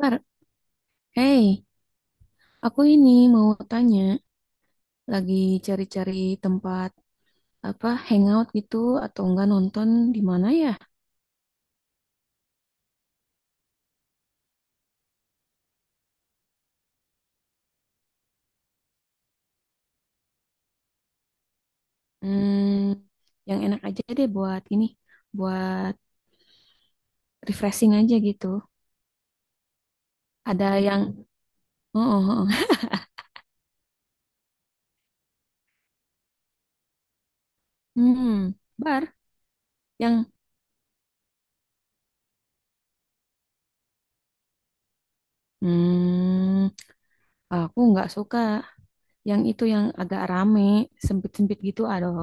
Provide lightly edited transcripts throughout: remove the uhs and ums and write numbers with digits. Kak? Hey, aku ini mau tanya, lagi cari-cari tempat apa hangout gitu atau enggak nonton di mana ya? Hmm, yang enak aja deh buat ini, buat refreshing aja gitu. Ada yang, oh, oh, oh. Hmm, bar yang, hmm, aku nggak suka yang itu yang agak rame, sempit-sempit gitu. Aduh,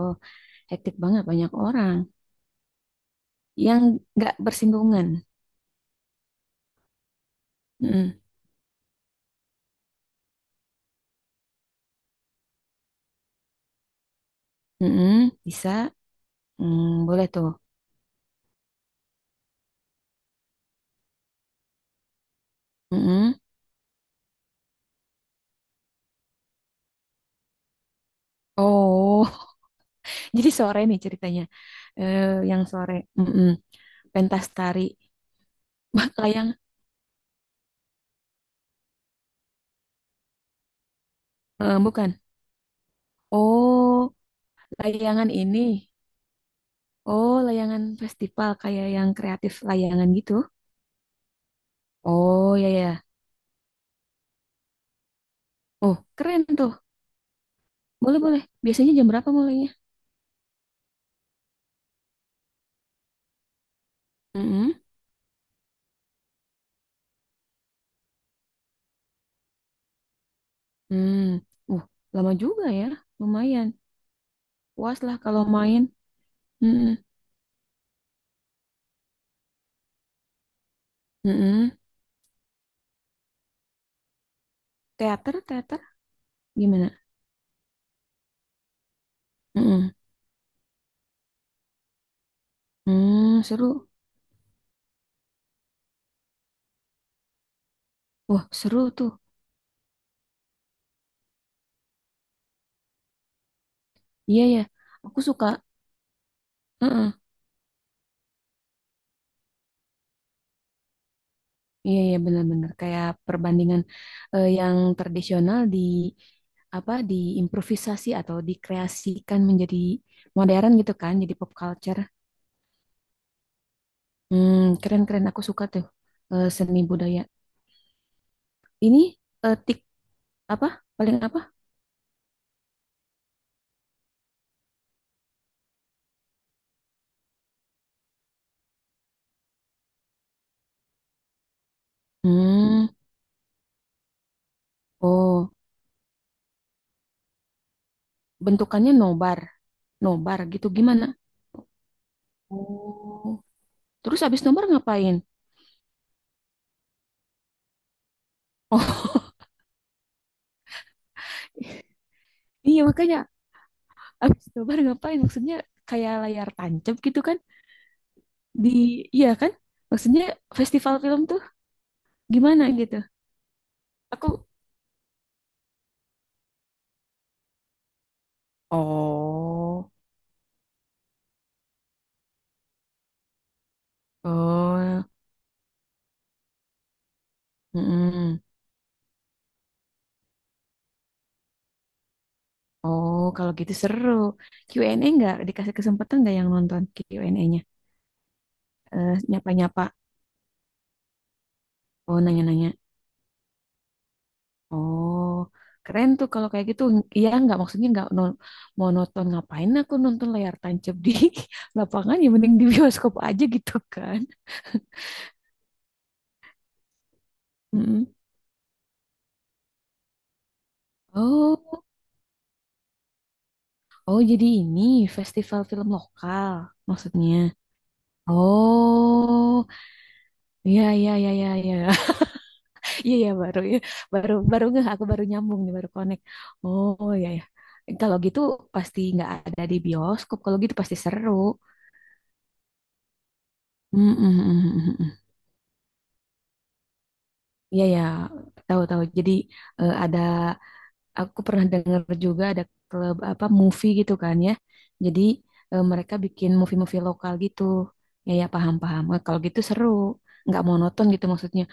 hektik banget banyak orang. Yang nggak bersinggungan. Mm-mm, mm-mm, bisa. Hmm, boleh tuh. Mm-mm. Oh, jadi sore nih ceritanya. Eh, yang sore. Mm-mm. Pentas tari. Bah, layang. Bukan. Oh, layangan ini. Oh, layangan festival kayak yang kreatif layangan gitu. Oh, ya ya. Oh, keren tuh. Boleh boleh. Biasanya jam berapa mulainya? Mm-mm. Hmm. Uh, lama juga ya. Lumayan. Puas lah kalau main. Mm-mm. Mm-mm. Teater, teater. Gimana? Mm-mm. Hmm, seru. Wah, seru tuh. Iya ya, aku suka. Heeh. Iya ya, benar-benar kayak perbandingan yang tradisional di apa diimprovisasi atau dikreasikan menjadi modern gitu kan, jadi pop culture. Hmm, keren-keren aku suka tuh seni budaya. Ini eh, tik apa? Paling apa? Hmm, oh, bentukannya nobar. Nobar gitu gimana? Oh, terus abis nobar ngapain? Oh, iya makanya abis nobar ngapain? Maksudnya kayak layar tancap gitu kan? Di iya kan? Maksudnya festival film tuh gimana gitu? Aku oh oh mm-mm oh kalau gitu seru. Q&A nggak dikasih kesempatan nggak yang nonton Q&A-nya? Nyapa-nyapa. Oh nanya-nanya. Oh keren tuh kalau kayak gitu. Iya nggak maksudnya nggak mau nonton ngapain? Aku nonton layar tancap di lapangan ya mending di bioskop aja gitu kan. Mm-mm. Oh, oh, jadi ini festival film lokal maksudnya. Oh, iya iya iya iya iya. Iya iya baru ya. Baru baru nggak aku baru nyambung nih, baru connect. Oh, iya ya. Kalau gitu pasti nggak ada di bioskop. Kalau gitu pasti seru. Mm, mm, mm, mm, mm. Iya ya, tahu-tahu. Jadi ada aku pernah dengar juga ada klub apa movie gitu kan ya. Jadi mereka bikin movie-movie lokal gitu. Ya ya paham-paham. Kalau gitu seru, nggak monoton gitu maksudnya.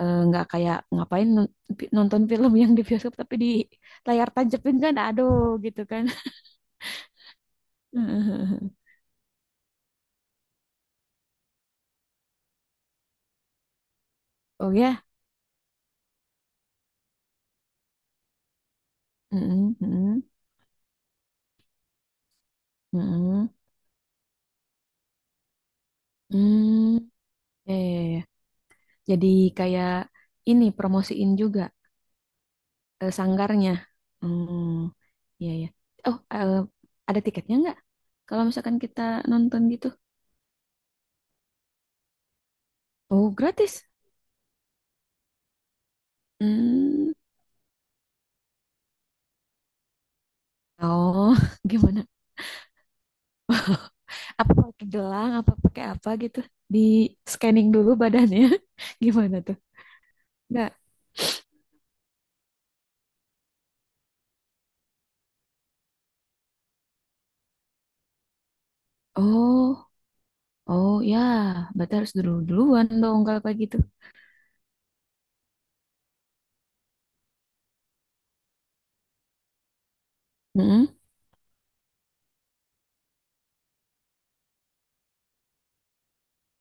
Nggak kayak ngapain nonton film yang di bioskop tapi di layar tancapin kan, aduh gitu kan. Oh ya, mm-mm, mm-mm, mm-mm. Hmm, ya, ya, ya. Ya. Jadi kayak ini promosiin juga sanggarnya. Hmm, iya ya. Oh, ada tiketnya nggak? Kalau misalkan kita nonton gitu. Oh, gratis. Hmm. Oh, gimana? Apa pakai gelang? Apa pakai apa gitu? Di scanning dulu badannya. Gimana tuh? Nggak. Oh, oh ya. Berarti harus dulu duluan dong kalau kayak gitu. Mm-mm.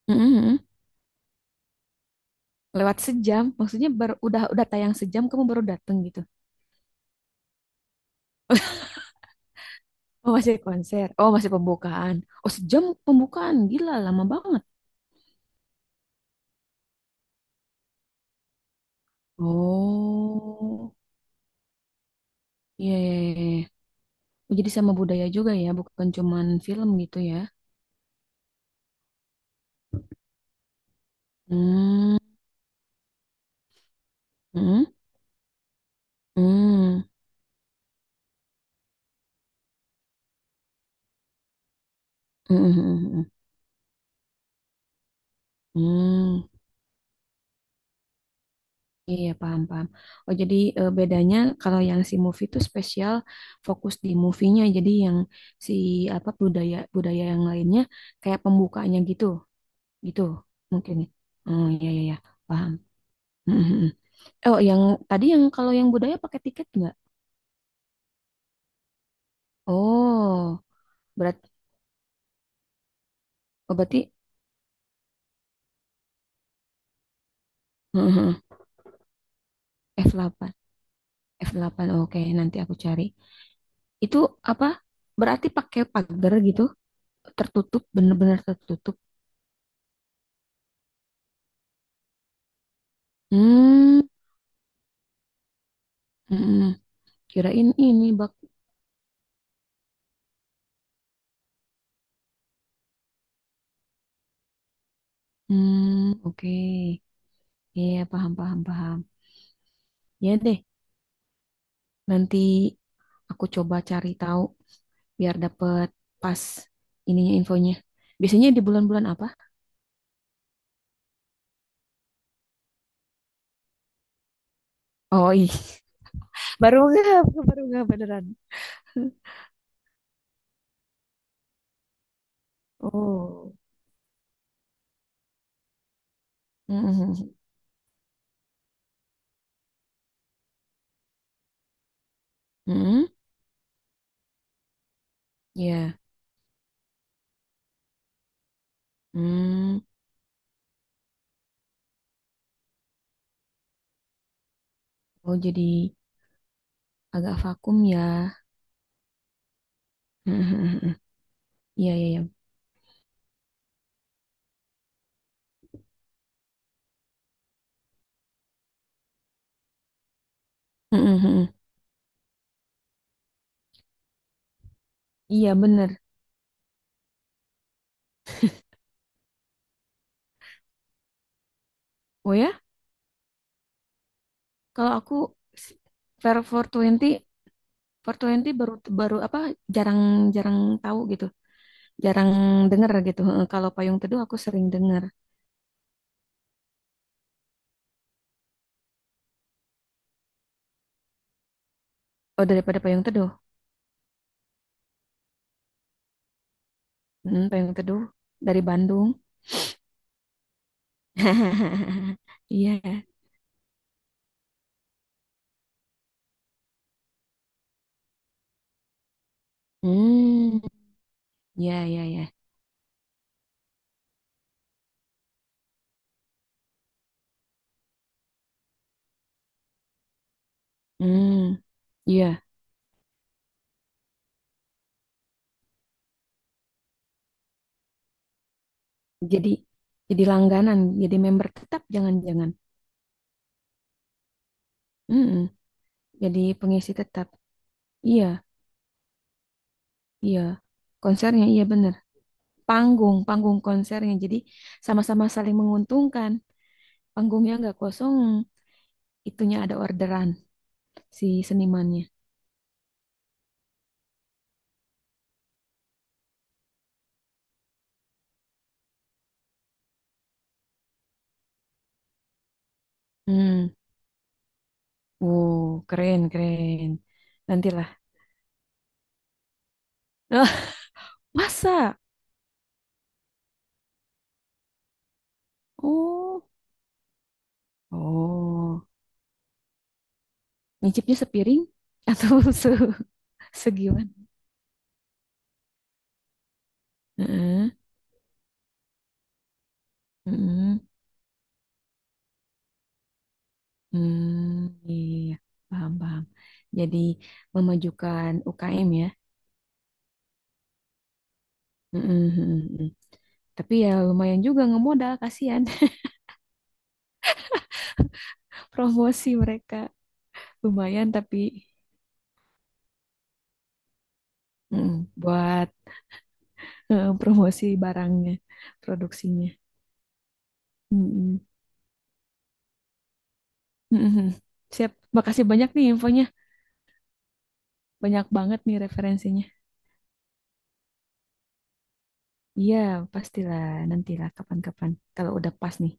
Mm-mm, lewat sejam, maksudnya baru udah tayang sejam kamu baru datang gitu. Oh, masih konser. Oh, masih pembukaan. Oh, sejam pembukaan. Gila, lama banget. Oh, iya, iya, iya. Oh, jadi sama budaya juga ya, bukan cuman film gitu ya. Hmm, hmm, hmm, hmm, hmm, hmm, hmm. Hmm, iya, paham, paham. Oh, jadi bedanya kalau yang si movie itu spesial fokus di movie-nya. Jadi yang si apa budaya budaya yang lainnya kayak pembukaannya gitu, gitu mungkin. Oh, iya, iya, iya. Paham. Oh, yang tadi yang kalau yang budaya pakai tiket nggak? Oh, berat. Oh, berarti mhm. F8 F8, oke, nanti aku cari. Itu apa? Berarti pakai pagar gitu, tertutup, bener-bener tertutup. Hmm, mhm. Kirain ini bak. Hmm, oke. Iya, paham, paham, paham. Ya deh, nanti aku coba cari tahu biar dapet pas ininya infonya. Biasanya di bulan-bulan apa? Oh, iya. Baru nggak baru nggak beneran. Oh. Mm-mm. Mm-mm. Ya. Hmm. Oh, jadi agak vakum ya. Mm-mm. Iya, iya, iya. Mm-mm. Iya, bener. Oh ya, kalau aku s- Fair 420, twenty four twenty baru baru apa jarang-jarang tahu gitu. Jarang denger gitu. Heeh, kalau Payung Teduh aku sering denger. Oh, daripada Payung Teduh. Hmm, Payung Teduh dari Bandung. Iya. Hmm, ya, ya, ya. Hmm, iya. Jadi jadi langganan, jadi member tetap jangan-jangan. Mm-mm. Jadi pengisi tetap. Iya, iya. Konsernya iya bener. Panggung, panggung konsernya. Jadi sama-sama saling menguntungkan. Panggungnya nggak kosong, itunya ada orderan si senimannya. Hmm. Wow, keren, keren. Nantilah. Masa? Oh. Oh. Nyicipnya sepiring atau se segiwan? Heeh. Heeh. Hmm, iya, iya, iya. Paham, paham. Jadi memajukan UKM ya. Mm-mm, mm-mm, mm. Tapi ya lumayan juga ngemodal, kasihan. Promosi mereka lumayan tapi mm, buat promosi barangnya, produksinya. Mm-mm, mm-mm. Siap, makasih banyak nih infonya. Banyak banget nih referensinya. Iya, pastilah nantilah kapan-kapan kalau udah pas nih.